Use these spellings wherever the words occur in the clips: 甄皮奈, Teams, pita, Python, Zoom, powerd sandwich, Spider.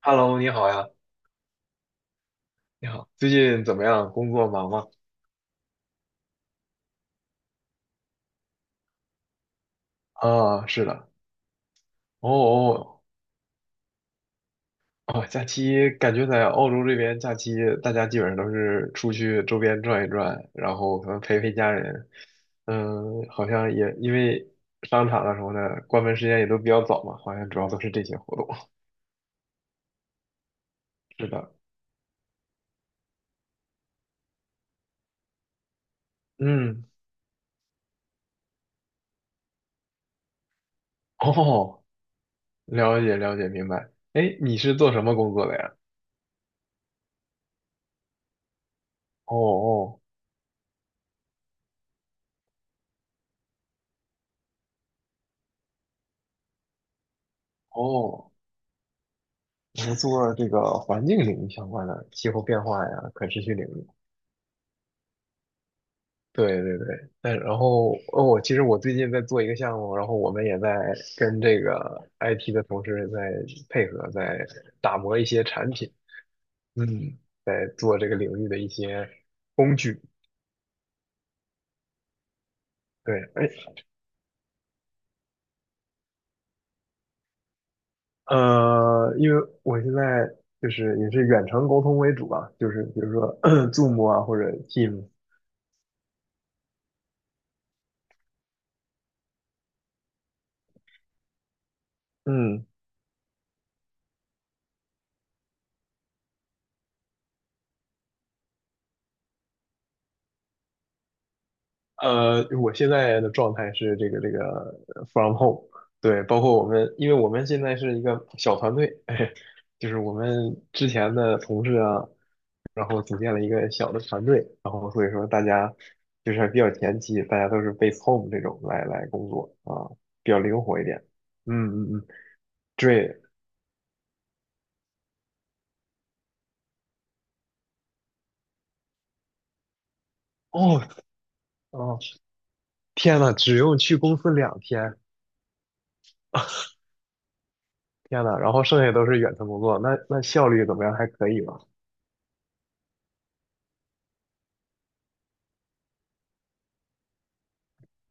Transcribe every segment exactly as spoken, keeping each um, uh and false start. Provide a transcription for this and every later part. Hello，你好呀，你好，最近怎么样？工作忙吗？啊，是的，哦哦哦，假期感觉在澳洲这边假期，大家基本上都是出去周边转一转，然后可能陪陪家人。嗯，好像也因为商场啊什么的关门时间也都比较早嘛，好像主要都是这些活动。是的，嗯，哦，了解了解，明白。哎，你是做什么工作的呀？哦哦哦，我们做这个环境领域相关的气候变化呀、可持续领域。对对对，但然后哦，我其实我最近在做一个项目，然后我们也在跟这个 I T 的同事在配合，在打磨一些产品，嗯，做这个领域的一些工具。对，哎，呃，因为我现在就是也是远程沟通为主吧，就是比如说 Zoom 啊或者 Teams，嗯。呃，我现在的状态是这个这个呃 from home，对，包括我们，因为我们现在是一个小团队，哎，就是我们之前的同事啊，然后组建了一个小的团队，然后所以说大家就是还比较前期，大家都是 base home 这种来来工作啊，比较灵活一点。嗯嗯嗯，对，哦哦，天呐，只用去公司两天，天呐，然后剩下都是远程工作，那那效率怎么样？还可以吧？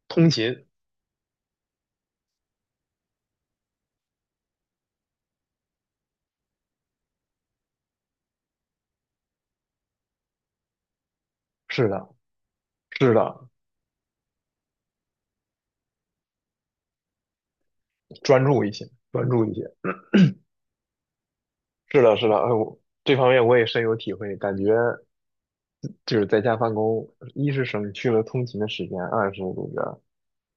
通勤，是的。是的，专注一些，专注一些。是的，是的，哎，我这方面我也深有体会，感觉就是在家办公，一是省去了通勤的时间，二是这个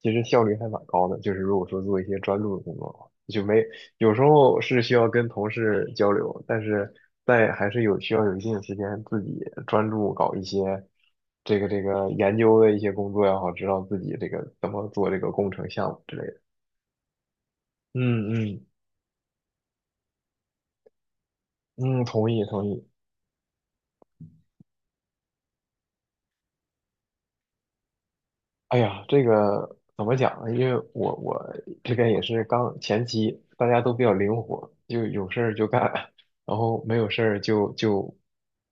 其实效率还蛮高的。就是如果说做一些专注的工作的话，就没有时候是需要跟同事交流，但是在还是有需要有一定的时间自己专注搞一些这个这个研究的一些工作也好，知道自己这个怎么做这个工程项目之类的。嗯嗯嗯，同意同意。哎呀，这个怎么讲呢？因为我我这边也是刚前期，大家都比较灵活，就有事儿就干，然后没有事儿就就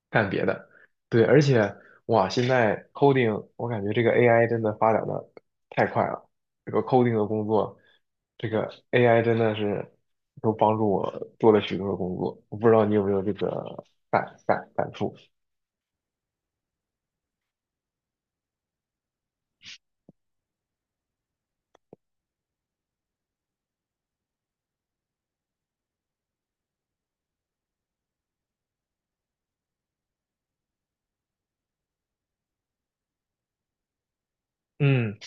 干别的。对，而且哇，现在 coding，我感觉这个 A I 真的发展的太快了。这个 coding 的工作，这个 A I 真的是都帮助我做了许多的工作。我不知道你有没有这个感感感触？嗯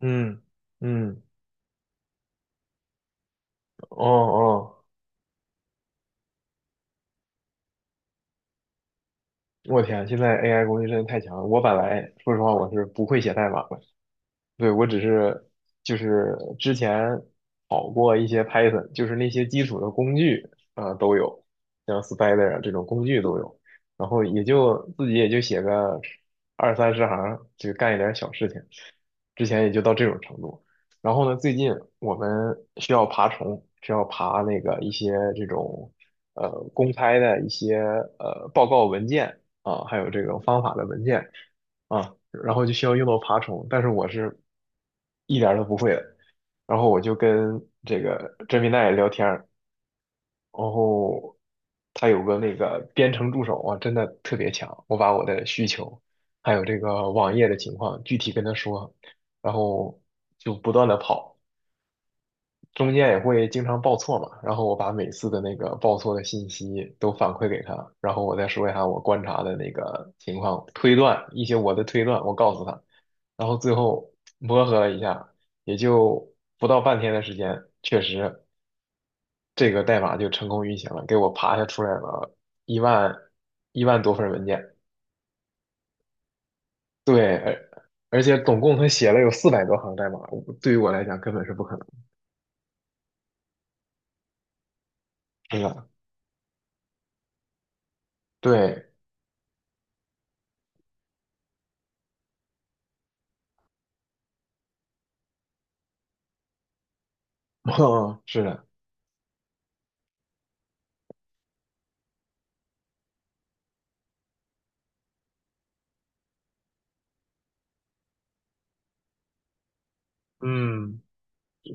嗯嗯，哦哦。我天，现在 A I 工具真的太强了。我本来说实话，我是不会写代码的，对，我只是就是之前好过一些 Python，就是那些基础的工具啊、都有，像 Spider 啊这种工具都有，然后也就自己也就写个二三十行，就干一点小事情，之前也就到这种程度。然后呢，最近我们需要爬虫，需要爬那个一些这种呃公开的一些呃报告文件啊，还有这种方法的文件啊，然后就需要用到爬虫，但是我是一点儿都不会的。然后我就跟这个甄皮奈聊天儿，然后他有个那个编程助手啊，真的特别强。我把我的需求，还有这个网页的情况具体跟他说，然后就不断的跑，中间也会经常报错嘛。然后我把每次的那个报错的信息都反馈给他，然后我再说一下我观察的那个情况，推断一些我的推断，我告诉他，然后最后磨合了一下，也就不到半天的时间，确实。这个代码就成功运行了，给我爬下出来了一万一万多份文件。对，而而且总共他写了有四百多行代码，我对于我来讲根本是不可能，真的。对，嗯是的，嗯，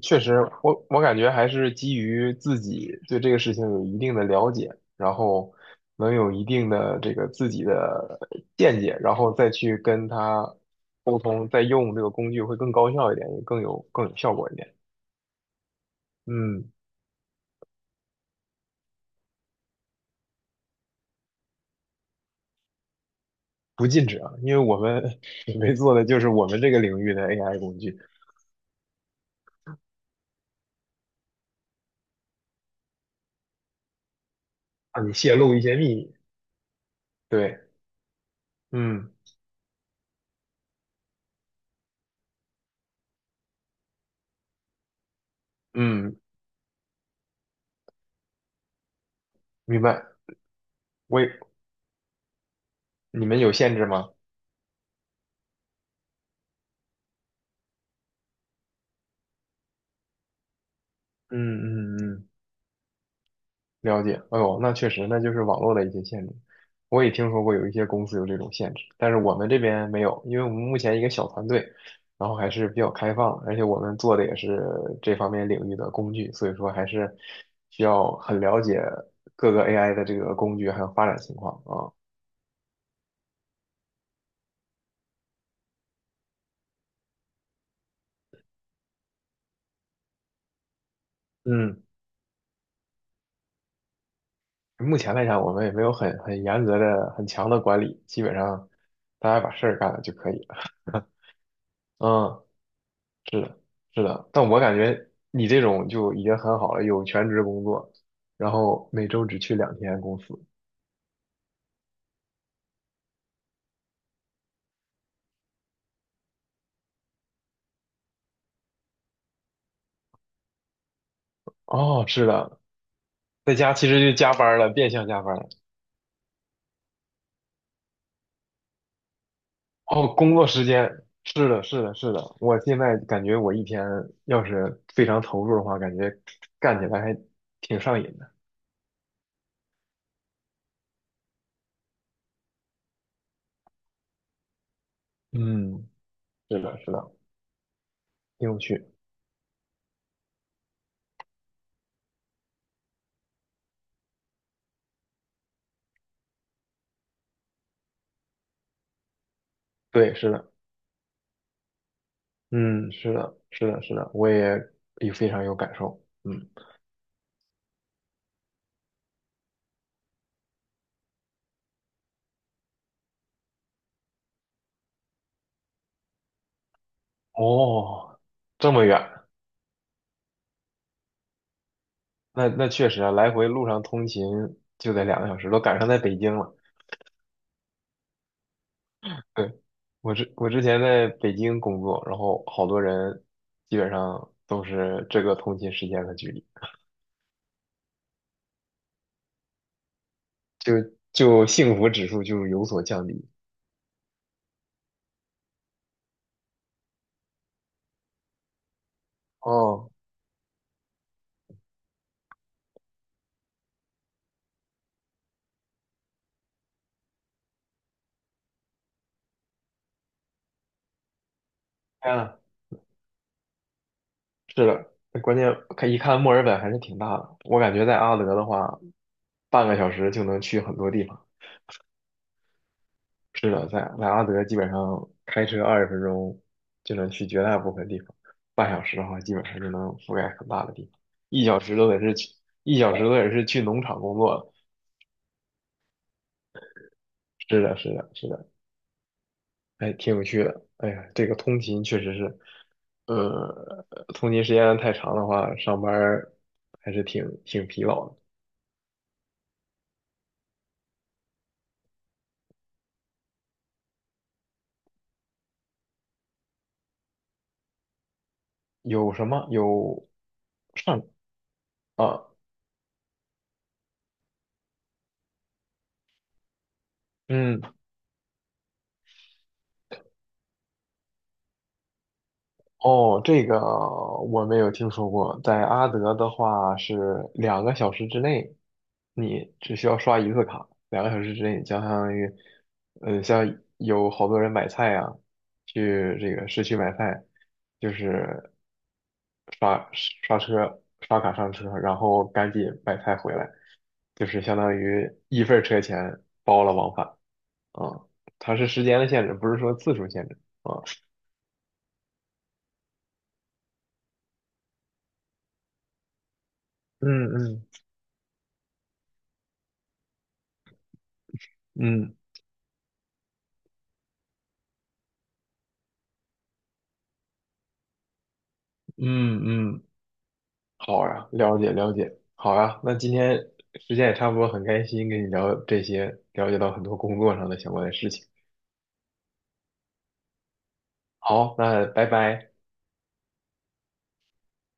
确实，我我感觉还是基于自己对这个事情有一定的了解，然后能有一定的这个自己的见解，然后再去跟他沟通，再用这个工具会更高效一点，也更有更有效果一点。嗯。不禁止啊，因为我们准备做的就是我们这个领域的 A I 工具，让你泄露一些秘密。对，嗯嗯，明白。我也，你们有限制吗？嗯嗯嗯，了解。哎呦，那确实，那就是网络的一些限制。我也听说过有一些公司有这种限制，但是我们这边没有，因为我们目前一个小团队，然后还是比较开放，而且我们做的也是这方面领域的工具，所以说还是需要很了解各个 A I 的这个工具还有发展情况啊。嗯，目前来讲，我们也没有很很严格的、很强的管理，基本上大家把事儿干了就可以了。嗯，是的，是的。但我感觉你这种就已经很好了，有全职工作，然后每周只去两天公司。哦，是的，在家其实就加班了，变相加班了。哦，工作时间，是的，是的，是的。我现在感觉我一天要是非常投入的话，感觉干起来还挺上瘾的。嗯，是的，是的，挺有趣。对，是的。嗯，是的，是的，是的，我也也非常有感受。嗯，哦，这么远，那那确实啊，来回路上通勤就得两个小时，都赶上在北京了。对，我之我之前在北京工作，然后好多人基本上都是这个通勤时间和距离，就就幸福指数就有所降低。哦，天啊，是的，关键看一看墨尔本还是挺大的，我感觉在阿德的话，半个小时就能去很多地方。是的，在在阿德基本上开车二十分钟就能去绝大部分地方，半小时的话基本上就能覆盖很大的地方，一小时都得是去，一小时都得是去农场工作了。是的，是的，是的，哎，挺有趣的。哎呀，这个通勤确实是，呃，通勤时间太长的话，上班儿还是挺挺疲劳的。有什么？有上啊，嗯。哦，这个我没有听说过。在阿德的话是两个小时之内，你只需要刷一次卡，两个小时之内，相当于，呃，像有好多人买菜啊，去这个市区买菜，就是刷刷车刷卡上车，然后赶紧买菜回来，就是相当于一份儿车钱包了往返啊。它是时间的限制，不是说次数限制啊。嗯嗯嗯。嗯嗯，好呀，了解了解，好呀，那今天时间也差不多，很开心跟你聊这些，了解到很多工作上的相关的事情。好，那拜拜。